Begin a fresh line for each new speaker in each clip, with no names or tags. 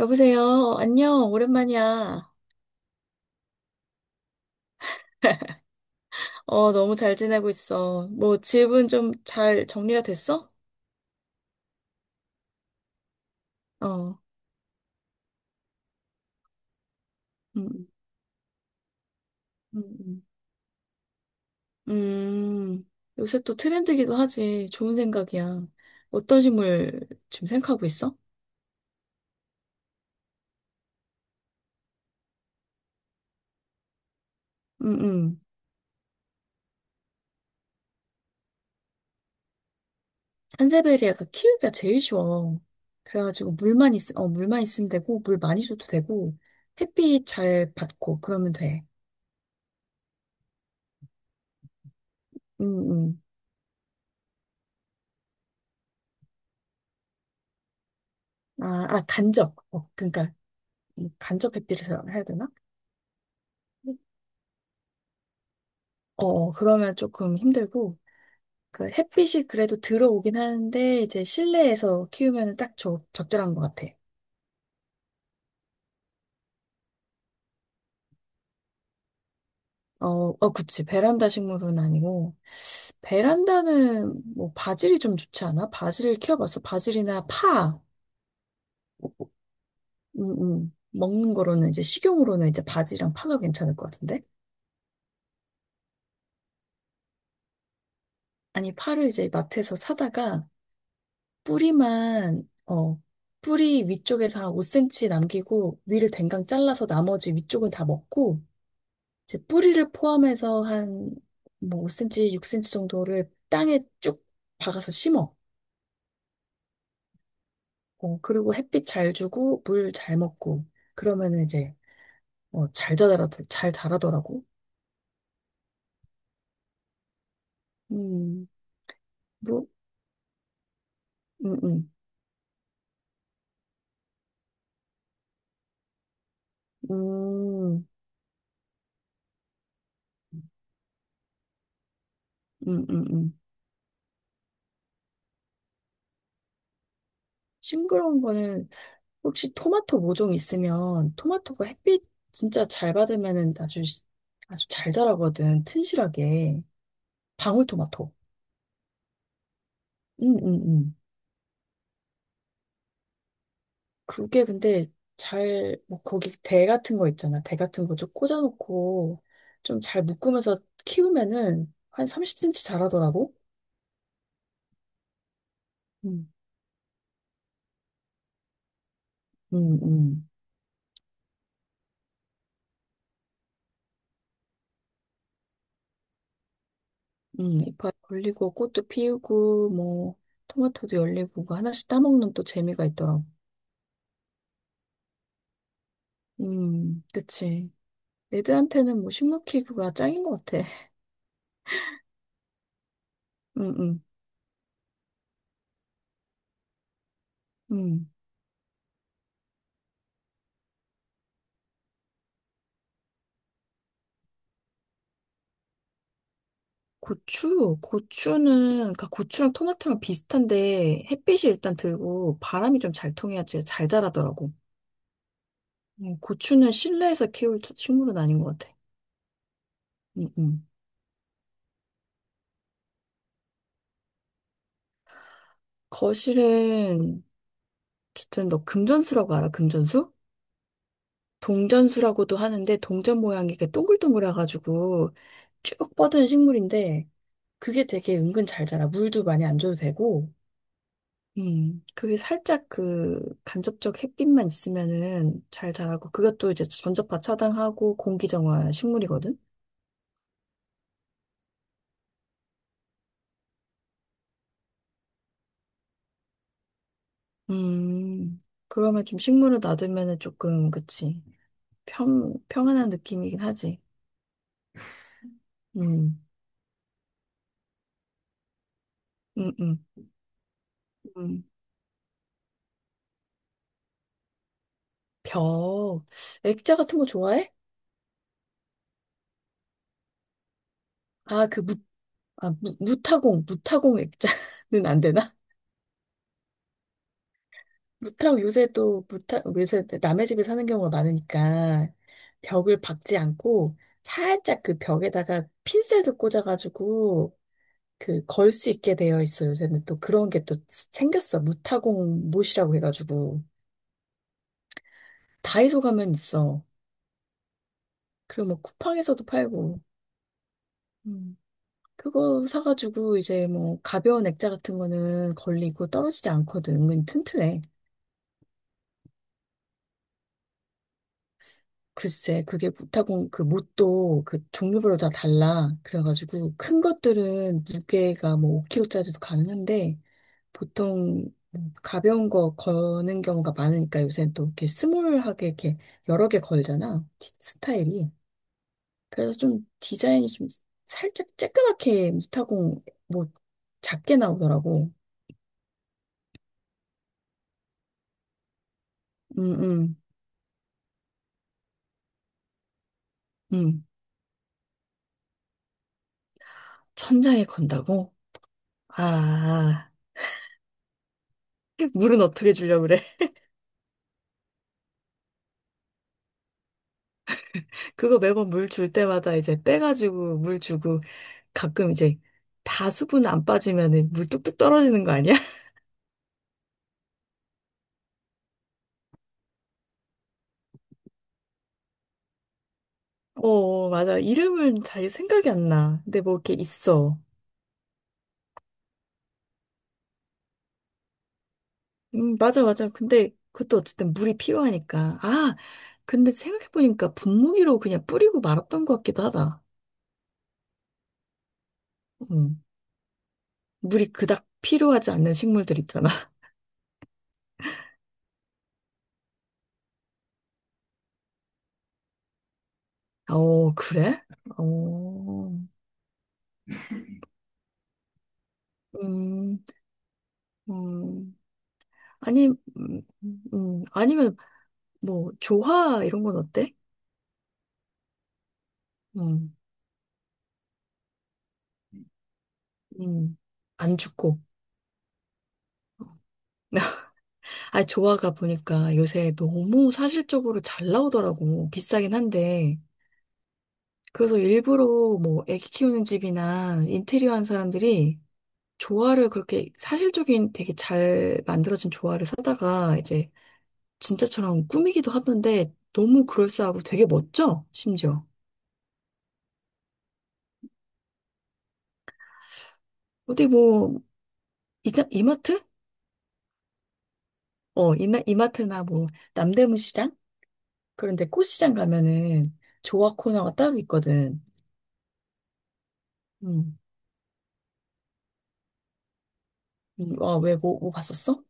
여보세요. 안녕. 오랜만이야. 너무 잘 지내고 있어. 뭐, 집은 좀 잘 정리가 됐어? 어, 음, 음, 음. 음, 요새 또 트렌드기도 하지. 좋은 생각이야. 어떤 식물 지금 생각하고 있어? 음, 음. 산세베리아가 키우기가 제일 쉬워. 그래가지고 물만 있으면 되고, 물 많이 줘도 되고, 햇빛 잘 받고, 그러면 돼. 음, 음. 아, 아, 간접. 어, 그러니까, 이 간접 햇빛을 해야 되나? 어, 그러면 조금 힘들고, 그 햇빛이 그래도 들어오긴 하는데, 이제 실내에서 키우면 딱 적절한 것 같아. 어, 어, 그치. 베란다 식물은 아니고, 베란다는 뭐 바질이 좀 좋지 않아? 바질을 키워봤어. 바질이나 파. 음, 먹는 거로는 이제 식용으로는 이제 바지랑 파가 괜찮을 것 같은데? 아니, 파를 이제 마트에서 사다가 뿌리만, 어, 뿌리 위쪽에서 한 5cm 남기고 위를 댕강 잘라서 나머지 위쪽은 다 먹고 이제 뿌리를 포함해서 한 뭐 5cm, 6cm 정도를 땅에 쭉 박아서 심어. 어, 그리고 햇빛 잘 주고 물 잘 먹고 그러면은 이제 어, 잘 자라더라고. 음, 뭐, 음, 음, 음, 음, 음, 음. 싱그러운 거는 혹시 토마토 모종 있으면 토마토가 햇빛 진짜 잘 받으면은 아주 잘 자라거든 튼실하게 방울토마토. 음, 음, 음. 그게 근데 거기 대 같은 거 있잖아. 대 같은 거 좀 꽂아놓고 좀 잘 묶으면서 키우면은 한 30cm 자라더라고. 음. 음, 음, 이파이 걸리고 꽃도 피우고 뭐 토마토도 열리고 그 하나씩 따먹는 또 재미가 있더라고. 그치. 애들한테는 뭐 식물 키우기가 짱인 것 같아. 음, 음, 음. 고추는, 그니까 고추랑 토마토랑 비슷한데 햇빛이 일단 들고 바람이 좀 잘 통해야지 잘 자라더라고. 고추는 실내에서 키울 식물은 아닌 것 같아. 응, 응. 거실은, 어쨌든 너 금전수라고 알아? 금전수? 동전수라고도 하는데 동전 모양이 이렇게 동글동글해가지고 쭉 뻗은 식물인데 그게 되게 은근 잘 자라. 물도 많이 안 줘도 되고. 그게 살짝 그 간접적 햇빛만 있으면은 잘 자라고, 그것도 또 이제 전자파 차단하고 공기정화 식물이거든? 음, 그러면 좀 식물을 놔두면은 조금, 그치. 평안한 느낌이긴 하지. 음, 음, 음, 음. 벽. 액자 같은 거 좋아해? 아, 그 무, 아, 무타공, 무타공 액자는 안 되나? 무탁 요새 또 무탁 요새 남의 집에 사는 경우가 많으니까 벽을 박지 않고 살짝 그 벽에다가 핀셋을 꽂아가지고 그 걸 수 있게 되어 있어. 요새는 또 그런 게 또 생겼어. 무타공 못이라고 해가지고 다이소 가면 있어. 그리고 뭐 쿠팡에서도 팔고. 음. 그거 사가지고 이제 뭐 가벼운 액자 같은 거는 걸리고 떨어지지 않거든. 은근히 튼튼해. 글쎄, 그게 무타공 그 못도 그 종류별로 다 달라. 그래가지고 큰 것들은 무게가 뭐 5kg짜리도 가능한데 보통 뭐 가벼운 거 거는 경우가 많으니까 요새는 또 이렇게 스몰하게 이렇게 여러 개 걸잖아. 스타일이. 그래서 좀 디자인이 좀 살짝 쬐끄맣게 무타공 뭐 작게 나오더라고. 음, 음, 음. 천장에 건다고? 아, 물은 어떻게 주려고 그래? 그거 매번 물 줄 때마다 이제 빼가지고 물 주고 가끔 이제 다 수분 안 빠지면은 물 뚝뚝 떨어지는 거 아니야? 어, 맞아. 이름은 잘 생각이 안 나. 근데 뭐 이렇게 있어. 맞아, 맞아. 근데 그것도 어쨌든 물이 필요하니까. 아, 근데 생각해보니까 분무기로 그냥 뿌리고 말았던 것 같기도 하다. 음, 물이 그닥 필요하지 않는 식물들 있잖아. 어, 그래? 어, 음, 음. 아니, 아니면 뭐, 조화, 이런 건 어때? 음, 음, 안 죽고. 아, 조화가 보니까 요새 너무 사실적으로 잘 나오더라고. 비싸긴 한데. 그래서 일부러 뭐, 애기 키우는 집이나 인테리어 한 사람들이 조화를 그렇게 사실적인 되게 잘 만들어진 조화를 사다가 이제 진짜처럼 꾸미기도 하던데 너무 그럴싸하고 되게 멋져, 심지어. 어디 뭐, 이마트? 어, 이마트나 뭐, 남대문 시장? 그런데 꽃시장 가면은 조화 코너가 따로 있거든. 음, 아, 왜, 뭐 봤었어?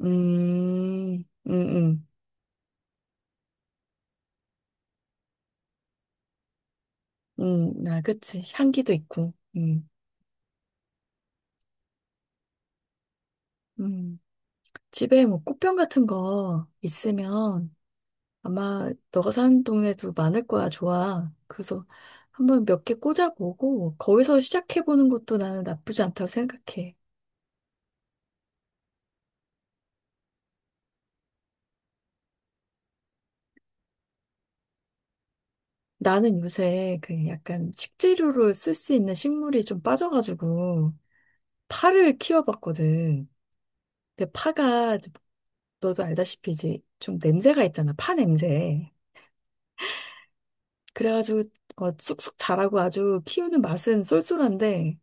음, 음, 음, 나, 그치. 향기도 있고, 음. 집에 뭐 꽃병 같은 거 있으면 아마 너가 사는 동네도 많을 거야, 좋아. 그래서 한번 몇 개 꽂아보고, 거기서 시작해보는 것도 나는 나쁘지 않다고 생각해. 나는 요새 그 약간 식재료로 쓸 수 있는 식물이 좀 빠져가지고, 파를 키워봤거든. 근데 파가 좀- 너도 알다시피 이제 좀 냄새가 있잖아. 파 냄새. 그래가지고 어, 쑥쑥 자라고 아주 키우는 맛은 쏠쏠한데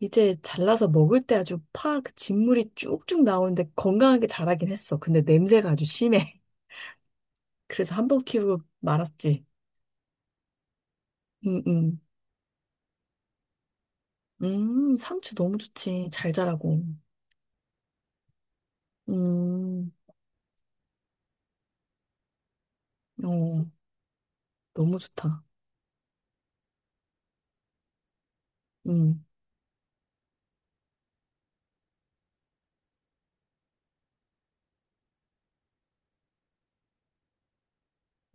이제 잘라서 먹을 때 아주 파 그 진물이 쭉쭉 나오는데 건강하게 자라긴 했어. 근데 냄새가 아주 심해. 그래서 한번 키우고 말았지. 음, 음. 상추 너무 좋지. 잘 자라고. 음, 어, 너무 좋다. 음,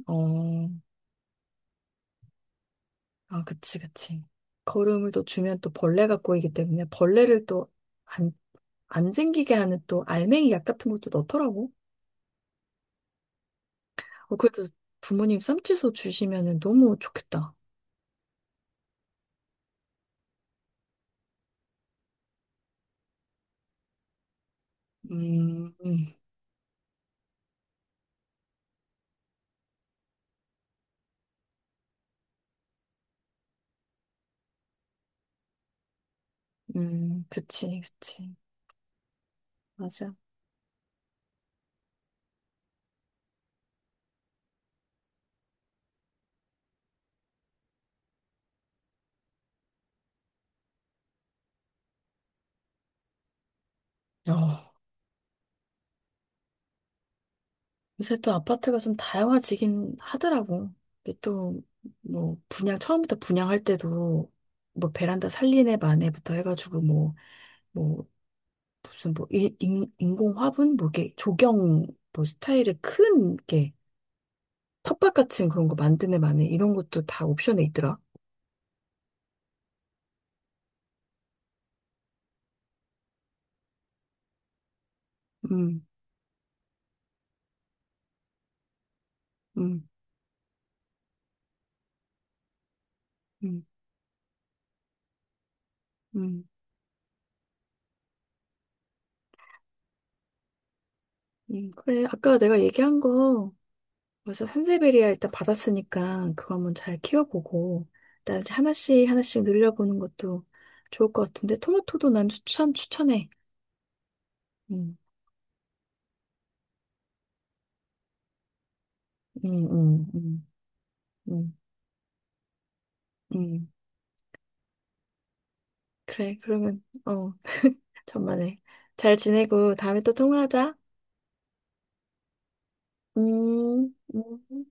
어. 아, 그치, 그치. 거름을 또 주면 또 벌레가 꼬이기 때문에 벌레를 또 안, 안 생기게 하는 또 알맹이 약 같은 것도 넣더라고. 어, 그래도 부모님 쌈치소 주시면은 너무 좋겠다. 음, 음, 그치, 그치. 맞아. 어. 요새 또 아파트가 좀 다양화지긴 하더라고. 이게 또, 뭐, 분양, 처음부터 분양할 때도 뭐 베란다 살리네 마네부터 해가지고 뭐, 뭐, 무슨 뭐 인공 화분 뭐 이게 조경 뭐 스타일의 큰 게 텃밭 같은 그런 거 만드네 만에 이런 것도 다 옵션에 있더라. 음, 음, 음, 음, 그래 아까 내가 얘기한 거 벌써 산세베리아 일단 받았으니까 그거 한번 잘 키워보고 그다음에 이제 하나씩 하나씩 늘려보는 것도 좋을 것 같은데 토마토도 난 추천해. 음, 음, 음, 음, 음, 음. 그래 그러면 어 천만에 잘 지내고 다음에 또 통화하자. 음, 음.